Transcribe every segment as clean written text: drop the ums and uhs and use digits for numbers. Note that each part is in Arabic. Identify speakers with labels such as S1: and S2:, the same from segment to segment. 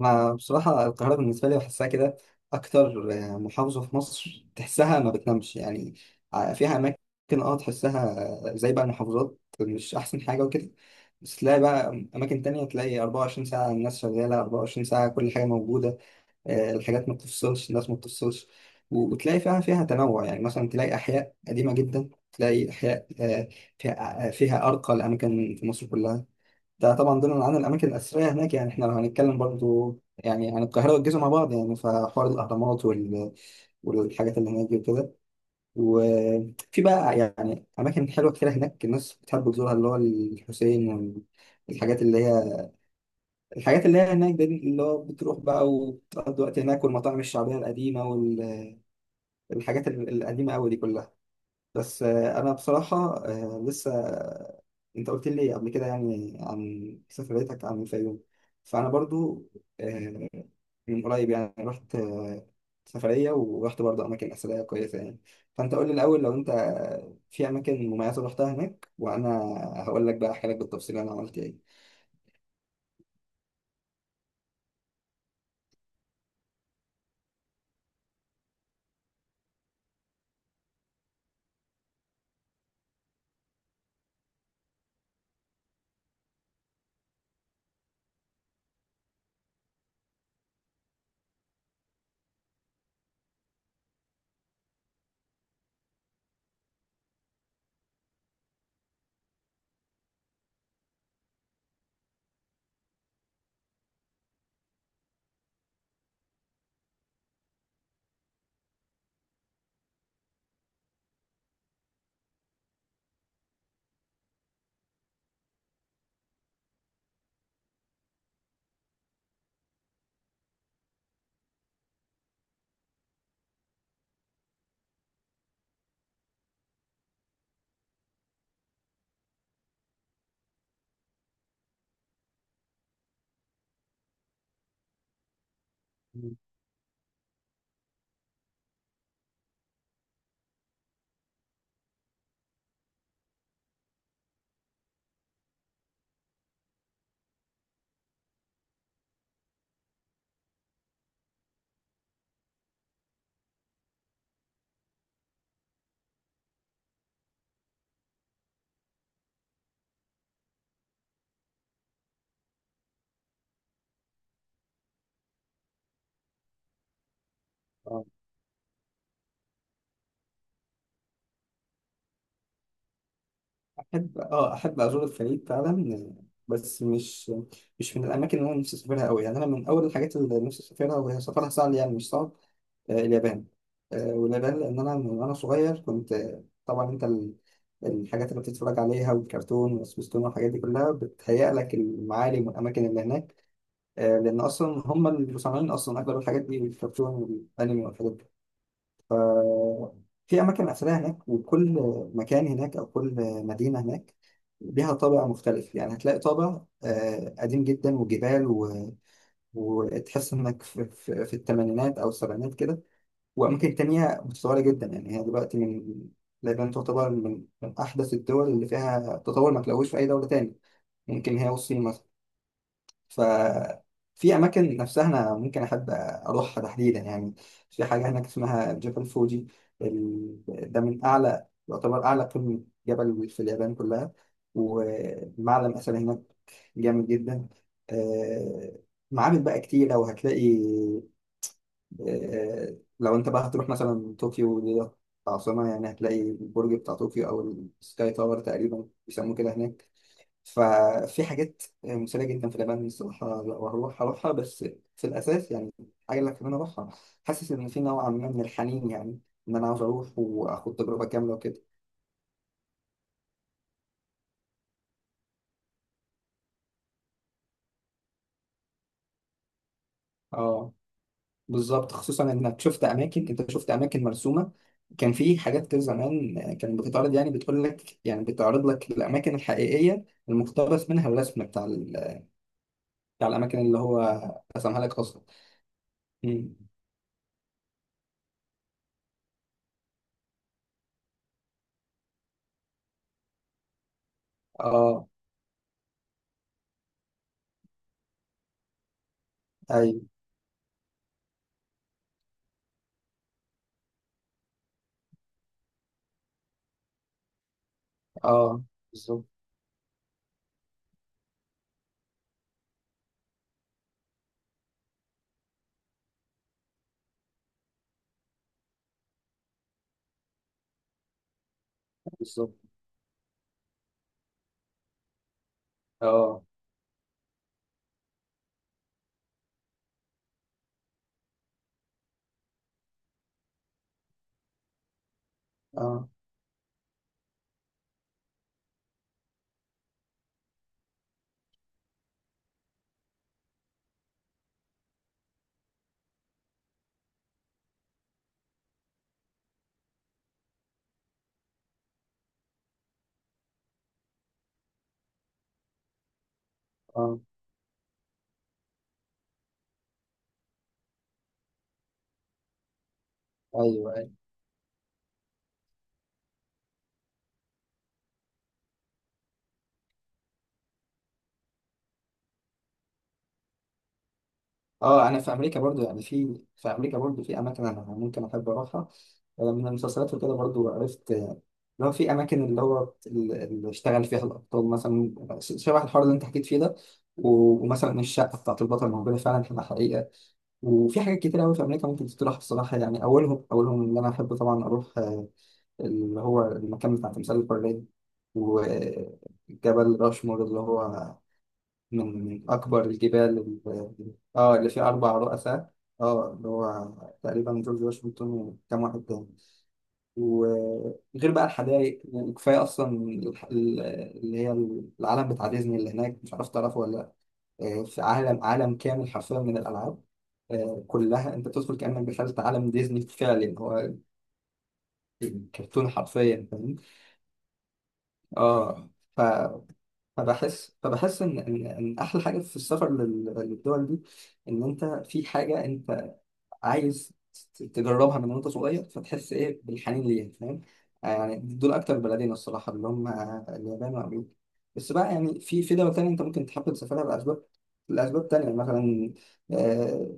S1: أنا بصراحة القاهرة بالنسبة لي بحسها كده أكتر محافظة في مصر، تحسها ما بتنامش يعني، فيها أماكن أه تحسها زي بقى المحافظات مش أحسن حاجة وكده، بس تلاقي بقى أماكن تانية، تلاقي 24 ساعة الناس شغالة 24 ساعة، كل حاجة موجودة. الحاجات ما بتفصلش، الناس ما بتفصلش. و- وتلاقي فيها تنوع، يعني مثلا تلاقي أحياء قديمة جدا، تلاقي أحياء فيها فيها أرقى الأماكن في مصر كلها. ده طبعا ضمن عن الاماكن الاثريه هناك، يعني احنا لو هنتكلم برضو يعني عن القاهره والجيزه مع بعض، يعني فحوار الاهرامات والحاجات اللي هناك دي وكده. وفي بقى يعني اماكن حلوه كتير هناك الناس بتحب تزورها، اللي هو الحسين والحاجات اللي هي، الحاجات اللي هي هناك دي، اللي هو بتروح بقى وتقضي وقت هناك، والمطاعم الشعبيه القديمه والحاجات القديمه قوي دي كلها. بس انا بصراحه لسه، انت قلت لي قبل كده يعني عن سفريتك عن الفيوم، فانا برضو آه، من قريب يعني رحت سفريه، ورحت برضو اماكن اثريه كويسه يعني. فانت قول لي الاول، لو انت في اماكن مميزه رحتها هناك، وانا هقول لك بقى، احكي لك بالتفصيل انا عملت ايه. أحب، أه أحب أزور الخليج فعلا، بس مش من الأماكن اللي أنا نفسي أسافرها أوي. يعني أنا من أول الحاجات اللي نفسي أسافرها وهي سفرها سهل، يعني مش صعب، اليابان. واليابان لأن أنا من وأنا صغير كنت طبعا أنت الحاجات اللي بتتفرج عليها والكرتون والسبيستون والحاجات دي كلها بتهيأ لك المعالم والأماكن اللي هناك. لأن أصلا هم اللي مصممين أصلا أغلب الحاجات دي، والكرتون والأنمي والحاجات دي. في أماكن أثرية هناك، وكل مكان هناك أو كل مدينة هناك ليها طابع مختلف. يعني هتلاقي طابع قديم جدا وجبال وتحس إنك في الثمانينات أو السبعينات كده، وأماكن تانية متطورة جدا. يعني هي دلوقتي من لبنان، تعتبر من أحدث الدول اللي فيها تطور، ما تلاقوش في أي دولة تاني، ممكن هي والصين مثلا. ففي أماكن نفسها أنا ممكن أحب أروحها تحديدا يعني. في حاجة هناك اسمها جبل فوجي، ال- ده من أعلى، يعتبر أعلى قمة جبل في اليابان كلها، ومعلم أثري هناك جامد جدا. آه، معابد بقى كتيرة وهتلاقي، لو أنت بقى هتروح مثلا طوكيو دي العاصمة، يعني هتلاقي البرج بتاع طوكيو، أو السكاي تاور تقريبا بيسموه كده هناك. ففي حاجات مثيرة جدا في اليابان الصراحة، لا، وهروح أروحها بس في الأساس يعني. حاجة اللي كمان أروحها، حاسس إن في نوع ما من الحنين، يعني إن أنا عاوز أروح وآخد تجربة كاملة وكده. أه بالظبط، خصوصا إنك شفت أماكن، أنت شفت أماكن مرسومة. كان في حاجات كده زمان كانت بتتعرض، يعني بتقول لك، يعني بتعرض لك الأماكن الحقيقية المقتبس منها الرسم بتاع الأماكن اللي هو رسمها لك أصلا. أمم. أه، أيوه، أه بالظبط، بالظبط، اه، اه، اه، ايوه، ايوه، اه انا في امريكا برضو، يعني في في امريكا برضو في اماكن انا ممكن احب اروحها. من المسلسلات وكده برضو عرفت، اللي هو في اماكن اللي هو اللي اشتغل فيها الابطال، مثلا شبه الحوار اللي انت حكيت فيه ده. و- ومثلا الشقه بتاعت البطل موجوده فعلا في الحقيقه، وفي حاجات كتير قوي في امريكا ممكن تتراح بصراحه يعني. اولهم اللي انا احب طبعا اروح اللي هو المكان بتاع تمثال البرلين، وجبل راشمور، اللي هو من أكبر الجبال، اه اللي فيه أربع رؤساء، اه اللي هو تقريبا جورج واشنطن وكام واحد تاني. وغير بقى الحدائق يعني، كفاية أصلا الح- ال- اللي هي العالم بتاع ديزني اللي هناك، مش عارف تعرفه ولا لأ. في عالم، عالم كامل حرفيا من الألعاب، كلها انت بتدخل كأنك دخلت عالم ديزني فعلا، هو الكرتون حرفيا، فاهم. اه فبحس ان ان إن احلى حاجه في السفر للدول دي، ان انت في حاجه انت عايز تجربها من وانت صغير، فتحس ايه بالحنين ليها، فاهم. يعني دول اكتر بلدين الصراحه اللي هم اليابان وامريكا. بس بقى يعني في دول تانية انت ممكن تحب تسافرها لاسباب، لاسباب تانية مثلا، آه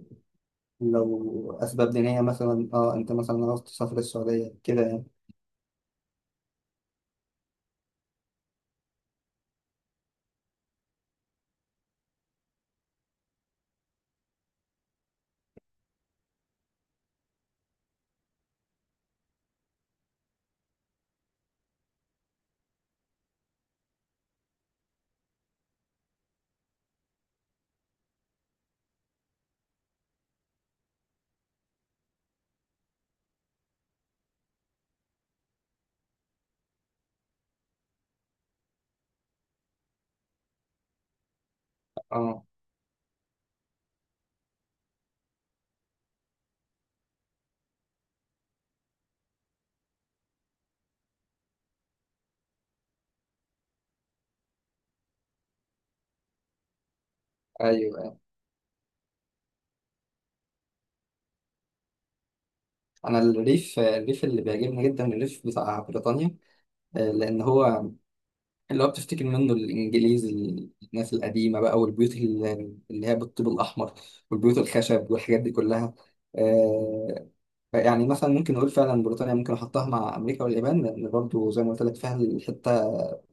S1: لو اسباب دينيه مثلا، اه انت مثلا عاوز تسافر السعوديه كده يعني. اه، ايوه، انا الريف، الريف اللي بيعجبني جدا الريف بتاع بريطانيا، لان هو اللي هو بتفتكر منه الانجليز، الناس القديمه بقى والبيوت اللي هي بالطوب الاحمر، والبيوت الخشب والحاجات دي كلها. آه، يعني مثلا ممكن نقول فعلا بريطانيا ممكن احطها مع امريكا واليابان، لان برضو زي ما قلت لك فيها الحته،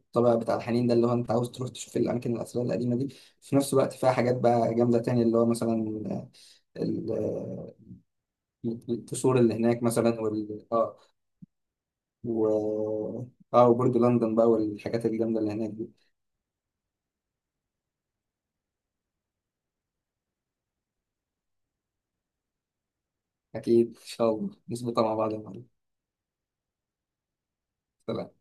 S1: الطابع بتاع الحنين ده، اللي هو انت عاوز تروح تشوف الاماكن الاثريه القديمه دي. في نفس الوقت فيها حاجات بقى جامده تانية، اللي هو مثلا ال- القصور اللي هناك مثلا، وال اه و اه وبرج لندن بقى والحاجات الجامده اللي هناك دي. اكيد ان شاء الله نظبطها مع بعض يا معلم. سلام.